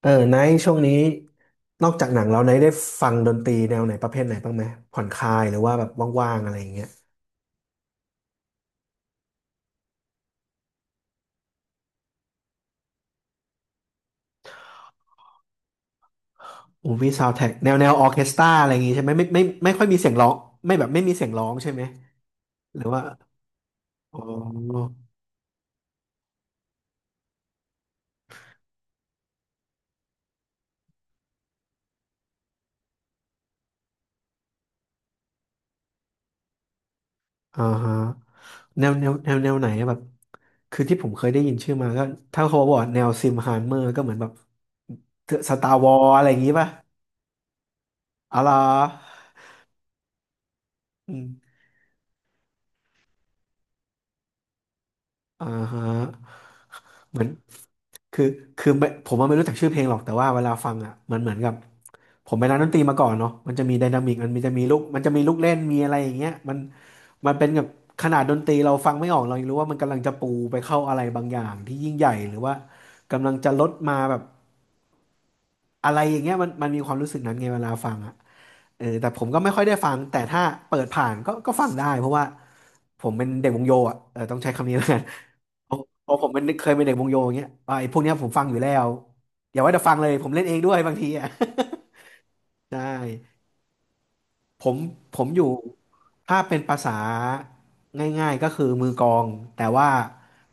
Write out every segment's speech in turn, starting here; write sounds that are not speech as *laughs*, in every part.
ไนท์ช่วงนี้นอกจากหนังแล้วไนท์ได้ฟังดนตรีแนวไหนประเภทไหนบ้างไหมผ่อนคลายหรือว่าแบบว่างๆอะไรอย่างเงี้ยมูฟวี่ซาวด์แทร็กแนวออร์เคสตราอะไรอย่างงี้ใช่ไหมไม่ค่อยมีเสียงร้องไม่แบบไม่มีเสียงร้องใช่ไหมหรือว่าอ๋ออ่าฮะแนวไหนแบบคือที่ผมเคยได้ยินชื่อมาก็ถ้าเขาบอกว่าแนวซิมฮาร์เมอร์ก็เหมือนแบบสตาร์วอรอะไรอย่างงี้ป่ะอะไรออืมอ่าฮะเหมือน คือคือไม่ผมว่าไม่รู้จักชื่อเพลงหรอกแต่ว่าเวลาฟังอ่ะมันเหมือนกับผมไป็นนดนตรีมาก่อนเนาะมันจะมีไดนามิกมันจะมีลูกเล่นมีอะไรอย่างเงี้ยมันมันเป็นกับขนาดดนตรีเราฟังไม่ออกเรายังรู้ว่ามันกำลังจะปูไปเข้าอะไรบางอย่างที่ยิ่งใหญ่หรือว่ากำลังจะลดมาแบบ อะไรอย่างเงี้ยมันมันมีความรู้สึกนั้นไงเวลาฟังอ่ะเออแต่ผมก็ไม่ค่อยได้ฟังแต่ถ้าเปิดผ่านก็ก็ฟังได้เพราะว่าผมเป็นเด็กวงโยอ่ะเออต้องใช้คำนี้แล้วกันเพราะผมเป็นเคยเป็นเด็กวงโยอย่างเงี้ยอ่ะไอ้พวกเนี้ยผมฟังอยู่แล้วอย่าว่าแต่ฟังเลยผมเล่นเองด้วยบางทีอ่ะ *laughs* ได้ผมผมอยู่ถ้าเป็นภาษาง่ายๆก็คือมือกลองแต่ว่า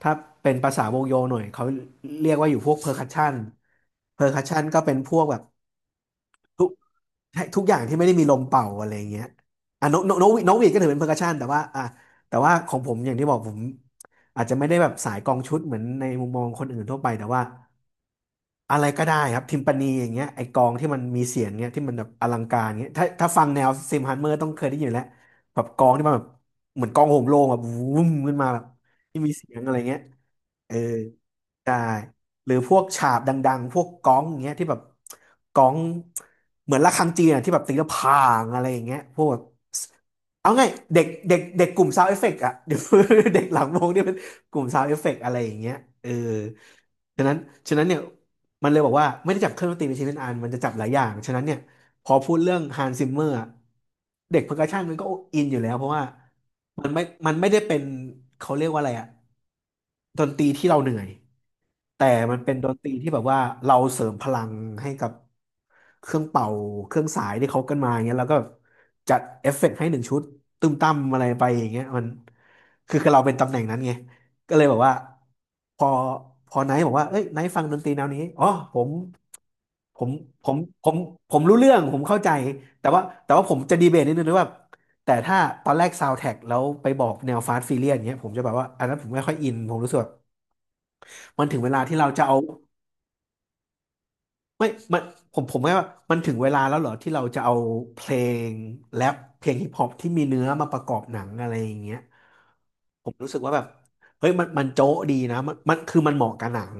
ถ้าเป็นภาษาวงโยหน่อยเขาเรียกว่าอยู่พวกเพอร์คัชชันเพอร์คัชชันก็เป็นพวกแบบ ทุกทุกอย่างที่ไม่ได้มีลมเป่าอะไรอย่างเงี้ยอ่ะนกนกนกหวีดนกหวีดก็ถือเป็นเพอร์คัชชันแต่ว่าอ่ะแต่ว่าของผมอย่างที่บอกผมอาจจะไม่ได้แบบสายกองชุดเหมือนในมุมมองคนอื่นทั่วไปแต่ว่า อะไรก็ได้ครับทิมปานีอย่างเงี้ยไอกลองที่มันมีเสียงเงี้ยที่มันแบบอลังการเงี้ยถ้าถ้าฟังแนวซิมฮันเมอร์ต้องเคยได้ยินอยู่แล้วแบบกลองที่มันแบบเหมือนกลองโหมโรงแบบวุ้มขึ้นมาแบบที่มีเสียงอะไรเงี้ยเออใช่หรือพวกฉาบดังๆพวกก้องอย่างเงี้ยที่แบบก้องเหมือนระฆังจีนอะที่แบบตีแล้วพางอะไรอย่างเงี้ยพวกแบบเอาไงเด็กเด็กเด็กกลุ่มซาวเอฟเฟกต์อะ *laughs* เดี๋ยว *laughs* เด็กหลังวงนี่เป็นกลุ่มซาวเอฟเฟกต์อะไรอย่างเงี้ยเออฉะนั้นฉะนั้นเนี่ย มันเลยบอกว่าไม่ได้จับเครื่องดนตรีเป็นชิ้นเป็นอันมันจะจับหลายอย่างฉะนั้นเนี่ยพอพูดเรื่องฮันซิมเมอร์เด็กเพอร์คัชชันมันก็อินอยู่แล้วเพราะว่ามันไม่มันไม่ได้เป็นเขาเรียกว่าอะไรอะดนตรีที่เราเหนื่อยแต่มันเป็นดนตรีที่แบบว่าเราเสริมพลังให้กับเครื่องเป่าเครื่องสายที่เขากันมาอย่างเงี้ยแล้วก็จัดเอฟเฟกต์ให้หนึ่งชุดตึมตั้มอะไรไปอย่างเงี้ยมันคือคือเราเป็นตำแหน่งนั้นไงก็เลยบอกว่าพอพอไนท์บอกว่าเอ้ยไนท์ฟังดนตรีแนวนี้อ๋อผม ผมผมผมผมรู้เรื่องผมเข้าใจแต่ว่าผมจะดีเบตนิดนึงด้วยว่าแต่ถ้าตอนแรกซาวด์แท c กแล้วไปบอกแนวฟาสต์ฟิเลียนเงี้ยผมจะแบบว่าอันนั้นผมไม่ค่อยอินผมรู้สึกแบบมันถึงเวลาที่เราจะเอาไม่มันผมผมไม่ว่ามันถึงเวลาแล้วเหรอที่เราจะเอาเพลงแรปเพลงฮิปฮอปที่มีเนื้อมาประกอบหนังอะไรอย่างเงี้ยผมรู้สึกว่าแบบเฮ้ยมันมันโจ๊ะดีนะมันมันคือมันเหมาะกับหนัง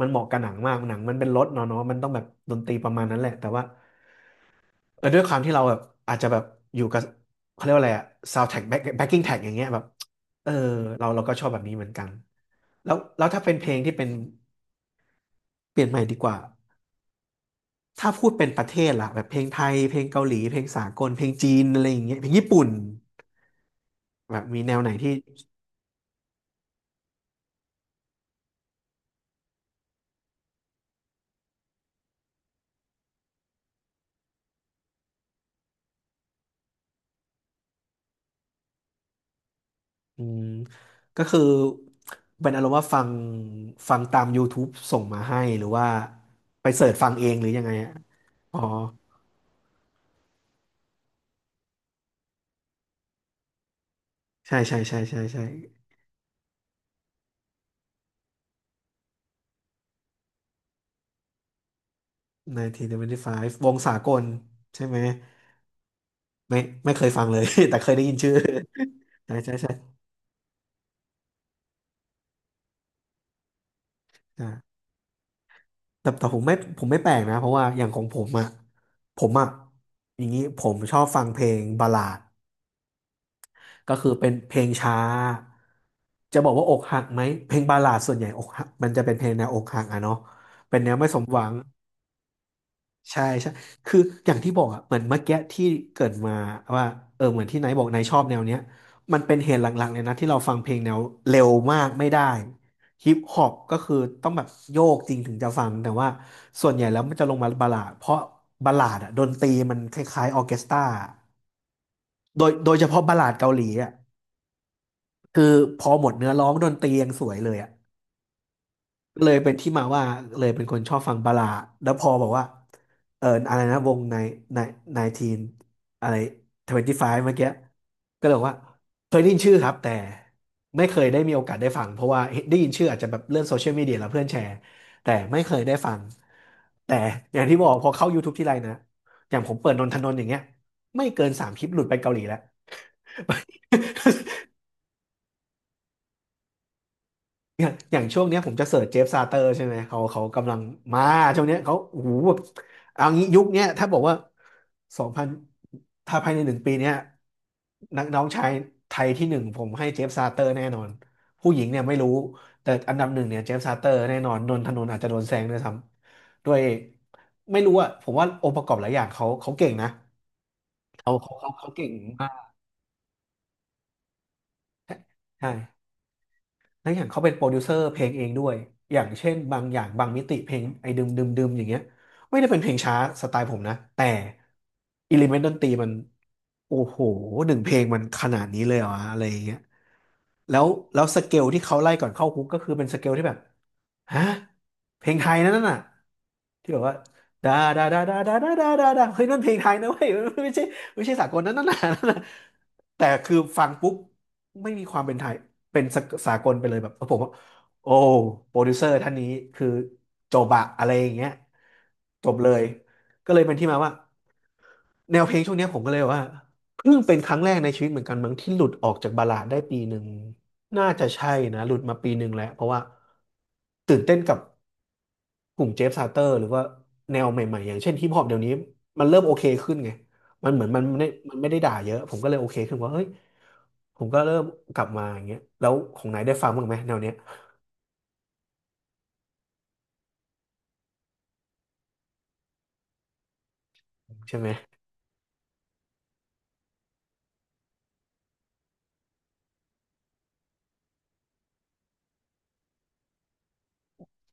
มันเหมาะกับหนังมากหนังมันเป็นรถเนาะเนาะมันต้องแบบดนตรีประมาณนั้นแหละแต่ว่า เออด้วยความที่เราแบบอาจจะแบบอยู่กับเขาเรียกว่าอะไรอะซาวด์แท็กแบ็คแบ็คกิ้งแท็กอย่างเงี้ยแบบเออเราก็ชอบแบบนี้เหมือนกันแล้วถ้าเป็นเพลงที่เป็นเปลี่ยนใหม่ดีกว่าถ้าพูดเป็นประเทศล่ะแบบเพลงไทยเพลงเกาหลีเพลงสากลเพลงจีนอะไรอย่างเงี้ยเพลงญี่ปุ่นแบบมีแนวไหนที่อืมก็คือเป็นอารมณ์ว่าฟังฟังตาม YouTube ส่งมาให้หรือว่าไปเสิร์ชฟังเองหรือยังไงอะอ๋อใช่ใช่ใช่ใช่ใช่ หน1975วงสากลใช่ไหมไม่ไม่เคยฟังเลย *laughs* แต่เคยได้ยินชื่อ *laughs* ใช่ใช่ใช่อ่าแต่ผมไม่ผมไม่แปลกนะเพราะว่าอย่างของผมอ่ะผมอ่ะอย่างนี้ผมชอบฟังเพลงบัลลาดก็คือเป็นเพลงช้าจะบอกว่าอกหักไหมเพลงบัลลาดส่วนใหญ่อกหักมันจะเป็นเพลงแนวอกหักอะเนาะเป็นแนวไม่สมหวัง ใช่ใช่ คืออย่างที่บอกอ่ะเหมือนเมื่อกี้ที่เกริดมาว่าเออเหมือนที่ไนท์บอกไนท์ชอบแนวเนี้ยมันเป็นเหตุหลักๆเลยนะที่เราฟังเพลงแนวเร็วมากไม่ได้ฮิปฮอปก็คือต้องแบบโยกจริงถึงจะฟังแต่ว่าส่วนใหญ่แล้วมันจะลงมาบัลลาดเพราะบัลลาดอ่ะดนตรีมันคล้ายๆออร์เคสตราโดยเฉพาะบัลลาดเกาหลีอ่ะคือพอหมดเนื้อร้องดนตรียังสวยเลยอ่ะ เลยเป็นที่มาว่าเลยเป็นคนชอบฟังบัลลาดแล้วพอบอกว่าเอออะไรนะวงในในไนทีนอะไรทเวนตี้ไฟเมื่อกี้ก็เลยบอกว่าเคยได้ยินชื่อครับแต่ไม่เคยได้มีโอกาสได้ฟังเพราะว่าได้ยินชื่ออาจจะแบบเลื่อนโซเชียลมีเดียแล้วเพื่อนแชร์แต่ไม่เคยได้ฟังแต่อย่างที่บอกพอเข้า YouTube ที่ไรนะอย่างผมเปิดนนทนนท์อย่างเงี้ยไม่เกินสามคลิปหลุดไปเกาหลีแล้ว อย่างช่วงเนี้ยผมจะเสิร์ชเจฟซาเตอร์ใช่ไหมเขากำลังมาช่วงเนี้ยเขาโอ้โหแบบเอางี้ยุคเนี้ยถ้าบอกว่าสองพันถ้าภายใน 1 ปีเนี้ยนักน้องชายไทยที่หนึ่งผมให้เจฟซาเตอร์แน่นอนผู้หญิงเนี่ยไม่รู้แต่อันดับหนึ่งเนี่ยเจฟซาเตอร์แน่นอนนนทนนท์อาจจะโดนแซงด้วยซ้ำด้วยไม่รู้อะผมว่าองค์ประกอบหลายอย่างเขาเก่งนะเขาเก่งมากใช่ และอย่างเขาเป็นโปรดิวเซอร์เพลงเองด้วย อย่างเช่นบางอย่างบางมิติเพลงไอ้ดึมดึมดึมอย่างเงี้ยไม่ได้เป็นเพลงช้าสไตล์ผมนะแต่อิเลเมนต์ดนตรีมันโอ้โหหนึ่งเพลงมันขนาดนี้เลยเหรออะไรอย่างเงี้ยแล้วสเกลที่เขาไล่ก่อนเข้าคุกก็คือเป็นสเกลที่แบบฮะเพลงไทยนั่นน่ะ ที่แบบว่าดาดาดาดาดาดาดาดาดาเฮ้ยนั่นเพลงไทยนะเว้ยมันไม่ใช่ไม่ใช่สากลนั่น *laughs* น่ะนั่นน่ะแต่คือฟังปุ๊บไม่มีความเป็นไทยเป็นสากสากลไปเลยแบบผมว่าโอ้โปรดิวเซอร์ท่านนี้คือจบอะอะไรอย่างเงี้ยจบเลยก็เลยเป็นที่มาว่า แนวเพลงช่วงเนี้ยผมก็เลยว่าเพิ่งเป็นครั้งแรกในชีวิตเหมือนกันมั้งที่หลุดออกจากบัลลาดได้ 1 ปี น่าจะใช่นะหลุดมา 1 ปีแล้วเพราะว่าตื่นเต้นกับ กลุ่มเจฟซาเตอร์หรือว่าแนวใหม่ๆอย่างเช่นฮิปฮอปเดี๋ยวนี้มันเริ่มโอเคขึ้นไงมันเหมือนมันไม่ได้มันไม่ได้ด่าเยอะผมก็เลยโอเคขึ้นว่าเฮ้ยผมก็เริ่มกลับมาอย่างเงี้ยแล้วของไหนายได้ฟังบ้างไหมแนวเนี้ยใช่ไหม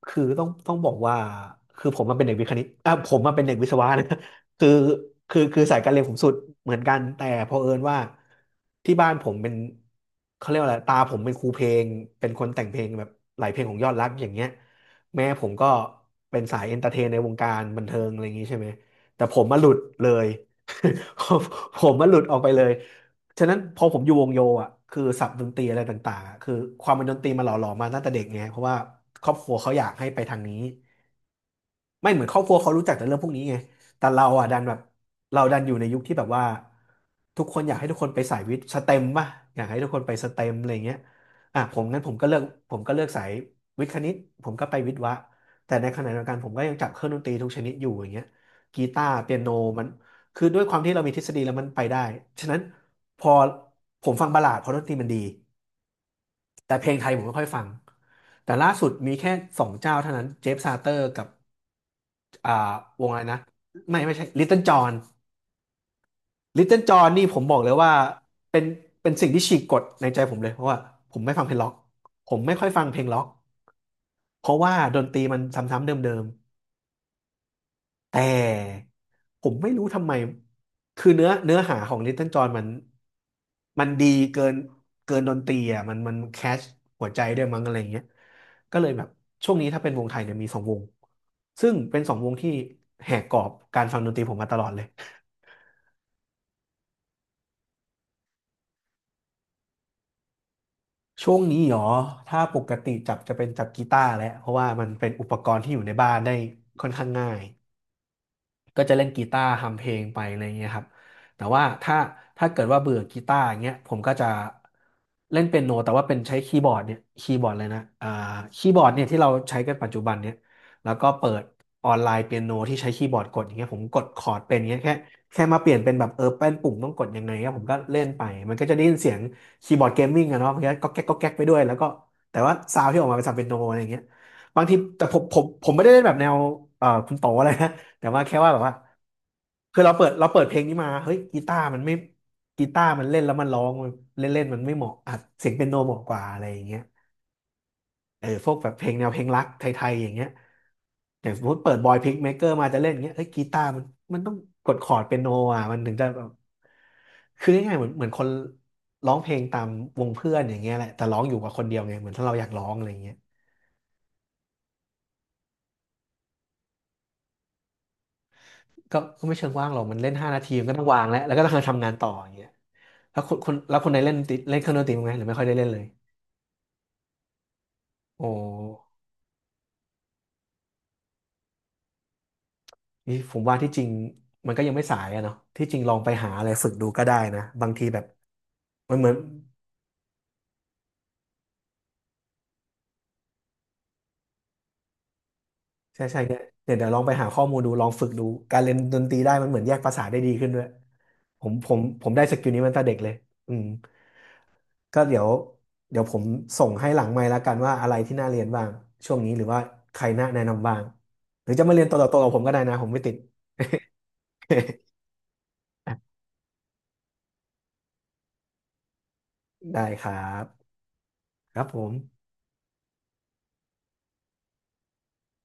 คือต้องบอกว่าคือผมมันเป็นเด็กวิทย์คณิตอ่ะผมมันเป็นเด็กวิศวะนะ *laughs* คือคือสายการเรียนผมสุดเหมือนกันแต่เผอิญว่าที่บ้านผมเป็นเขาเรียกว่าอะไรตาผมเป็นครูเพลงเป็นคนแต่งเพลงแบบหลายเพลงของยอดรักอย่างเงี้ยแม่ผมก็เป็นสายเอนเตอร์เทนในวงการบันเทิงอะไรอย่างงี้ใช่ไหมแต่ผมมาหลุดเลย *laughs* ผมผมมาหลุดออกไปเลย ฉะนั้นพอผมอยู่วงโยอ่ะคือศัพท์ดนตรีอะไรต่างๆอะคือความเป็นดนตรีมาหล่อหลอมมาตั้งแต่เด็กไงเพราะว่าครอบครัวเขาอยากให้ไปทางนี้ไม่เหมือนครอบครัวเขารู้จักแต่เรื่องพวกนี้ไงแต่เราอ่ะดันแบบเราดันอยู่ในยุคที่แบบว่าทุกคนอยากให้ทุกคนไปสายวิทย์สเต็มป่ะอยากให้ทุกคนไปสเต็มอะไรเงี้ยอ่ะผมงั้นผมก็เลือกผมก็เลือกสายวิทย์คณิตผมก็ไปวิทย์วะแต่ในขณะเดียวกันผมก็ยังจับเครื่องดนตรีทุกชนิดอยู่อย่างเงี้ยกีตาร์เปียโนมัน คือด้วยความที่เรามีทฤษฎีแล้วมันไปได้ ฉะนั้นพอผมฟังบัลลาดเพราะดนตรีมันดีแต่เพลงไทยผมไม่ค่อยฟังแต่ล่าสุดมีแค่สองเจ้าเท่านั้นเจฟซาเตอร์กับอ่าวงอะไรนะไม่ใช่ลิตเติ้ลจอห์นลิตเติ้ลจอห์นนี่ผมบอกเลยว่าเป็นเป็นสิ่งที่ฉีกกฎในใจผมเลยเพราะว่าผมไม่ฟังเพลงล็อกผมไม่ค่อยฟังเพลงล็อกเพราะว่าดนตรีมันซ้ำๆเดิม แต่ผมไม่รู้ทำไมคือเนื้อหาของ Little John มันดีเกินเกินดนตรีอ่ะมันแคชหัวใจด้วยมั้งอะไรเงี้ยก็เลยแบบช่วงนี้ถ้าเป็นวงไทยเนี่ยมีสองวงซึ่งเป็นสองวงที่แหกกรอบการฟังดนตรีผมมาตลอดเลยช่วงนี้หรอถ้าปกติจับจะเป็นจับกีตาร์แหละเพราะว่ามันเป็นอุปกรณ์ที่อยู่ในบ้านได้ค่อนข้างง่าย ก็จะเล่นกีตาร์ทำเพลงไปอะไรเงี้ยครับแต่ว่าถ้าถ้าเกิดว่าเบื่อกีตาร์อย่างเงี้ยผมก็จะเล่นเปียโนแต่ว่าเป็นใช้คีย์บอร์ดเนี่ยคีย์บอร์ดเลยนะคีย์บอร์ดเนี่ยที่เราใช้กันปัจจุบันเนี่ยแล้วก็เปิดออนไลน์เปียโนที่ใช้คีย์บอร์ดกดอย่างเงี้ยผมกดคอร์ดเป็นอย่างเงี้ยแค่มาเปลี่ยนเป็นแบบเป็นปุ่มต้องกดยังไงครับผมก็เล่นไปมันก็จะได้ยินเสียงคีย์บอร์ดเกมมิ่งอะเนาะมันก็แก๊กก็แก๊กไปด้วยแล้วก็แต่ว่าซาวด์ที่ออกมาเป็นซาวด์เปียโนอะไรอย่างเงี้ยบางทีแต่ผมไม่ได้เล่นแบบแนวคุณโตอะไรนะ แต่ว่าแค่ว่าแบบว่าคือเราเปิดเพลงนี้มาเฮ้ยกีตาร์มันเล่นแล้วมันร้องมันเล่นเล่นมันไม่เหมาะอัดเสียงเปียโนเหมาะกว่าอะไรอย่างเงี้ยเออพวกแบบเพลงแนวเพลงรักไทยๆอย่างเงี้ยอย่างสมมติเปิดบอยพิกเมเกอร์มาจะเล่นอย่างเงี้ยเฮ้ยกีตาร์มันต้องกดคอร์ดเปียโนอ่ะมันถึงจะแบบคือง่ายๆเหมือนคนร้องเพลงตามวงเพื่อนอย่างเงี้ยแหละแต่ร้องอยู่กับคนเดียวไงเหมือนถ้าเราอยากร้องอะไรอย่างเงี้ย ก็ไม่เชิงว่างหรอกมันเล่น5 นาทีมันก็ต้องวางแล้วแล้วก็ต้องทำงานต่ออย่างเงี้ยแล้วคนคนแล้วคนไหนเล่นเครื่องดนตรีมั้างไหมหรือไม่ค่อยได้เล่นเลยโอ้นี่ผมว่าที่จริงมันก็ยังไม่สายอะเนาะที่จริงลองไปหาอะไรฝึกดูก็ได้นะบางทีแบบมันเหมือนใช่ใช่เนี่ยเดี๋ยวลองไปหาข้อมูลดูลองฝึกดูการเล่นดนตรีได้มันเหมือนแยกภาษาทได้ดีขึ้นด้วยผมได้สกิลนี้มาตั้งแต่เด็กเลยอืม ก็เดี๋ยวผมส่งให้หลังไมค์แล้วกันว่าอะไรที่น่าเรียนบ้างช่วงนี้หรือว่าใครน่าแนะนำบ้างหรือจะมาเรียนตัวต่อตัวกับผมก็ได้นะผมไม่ติด *laughs* ได้ครับครับผม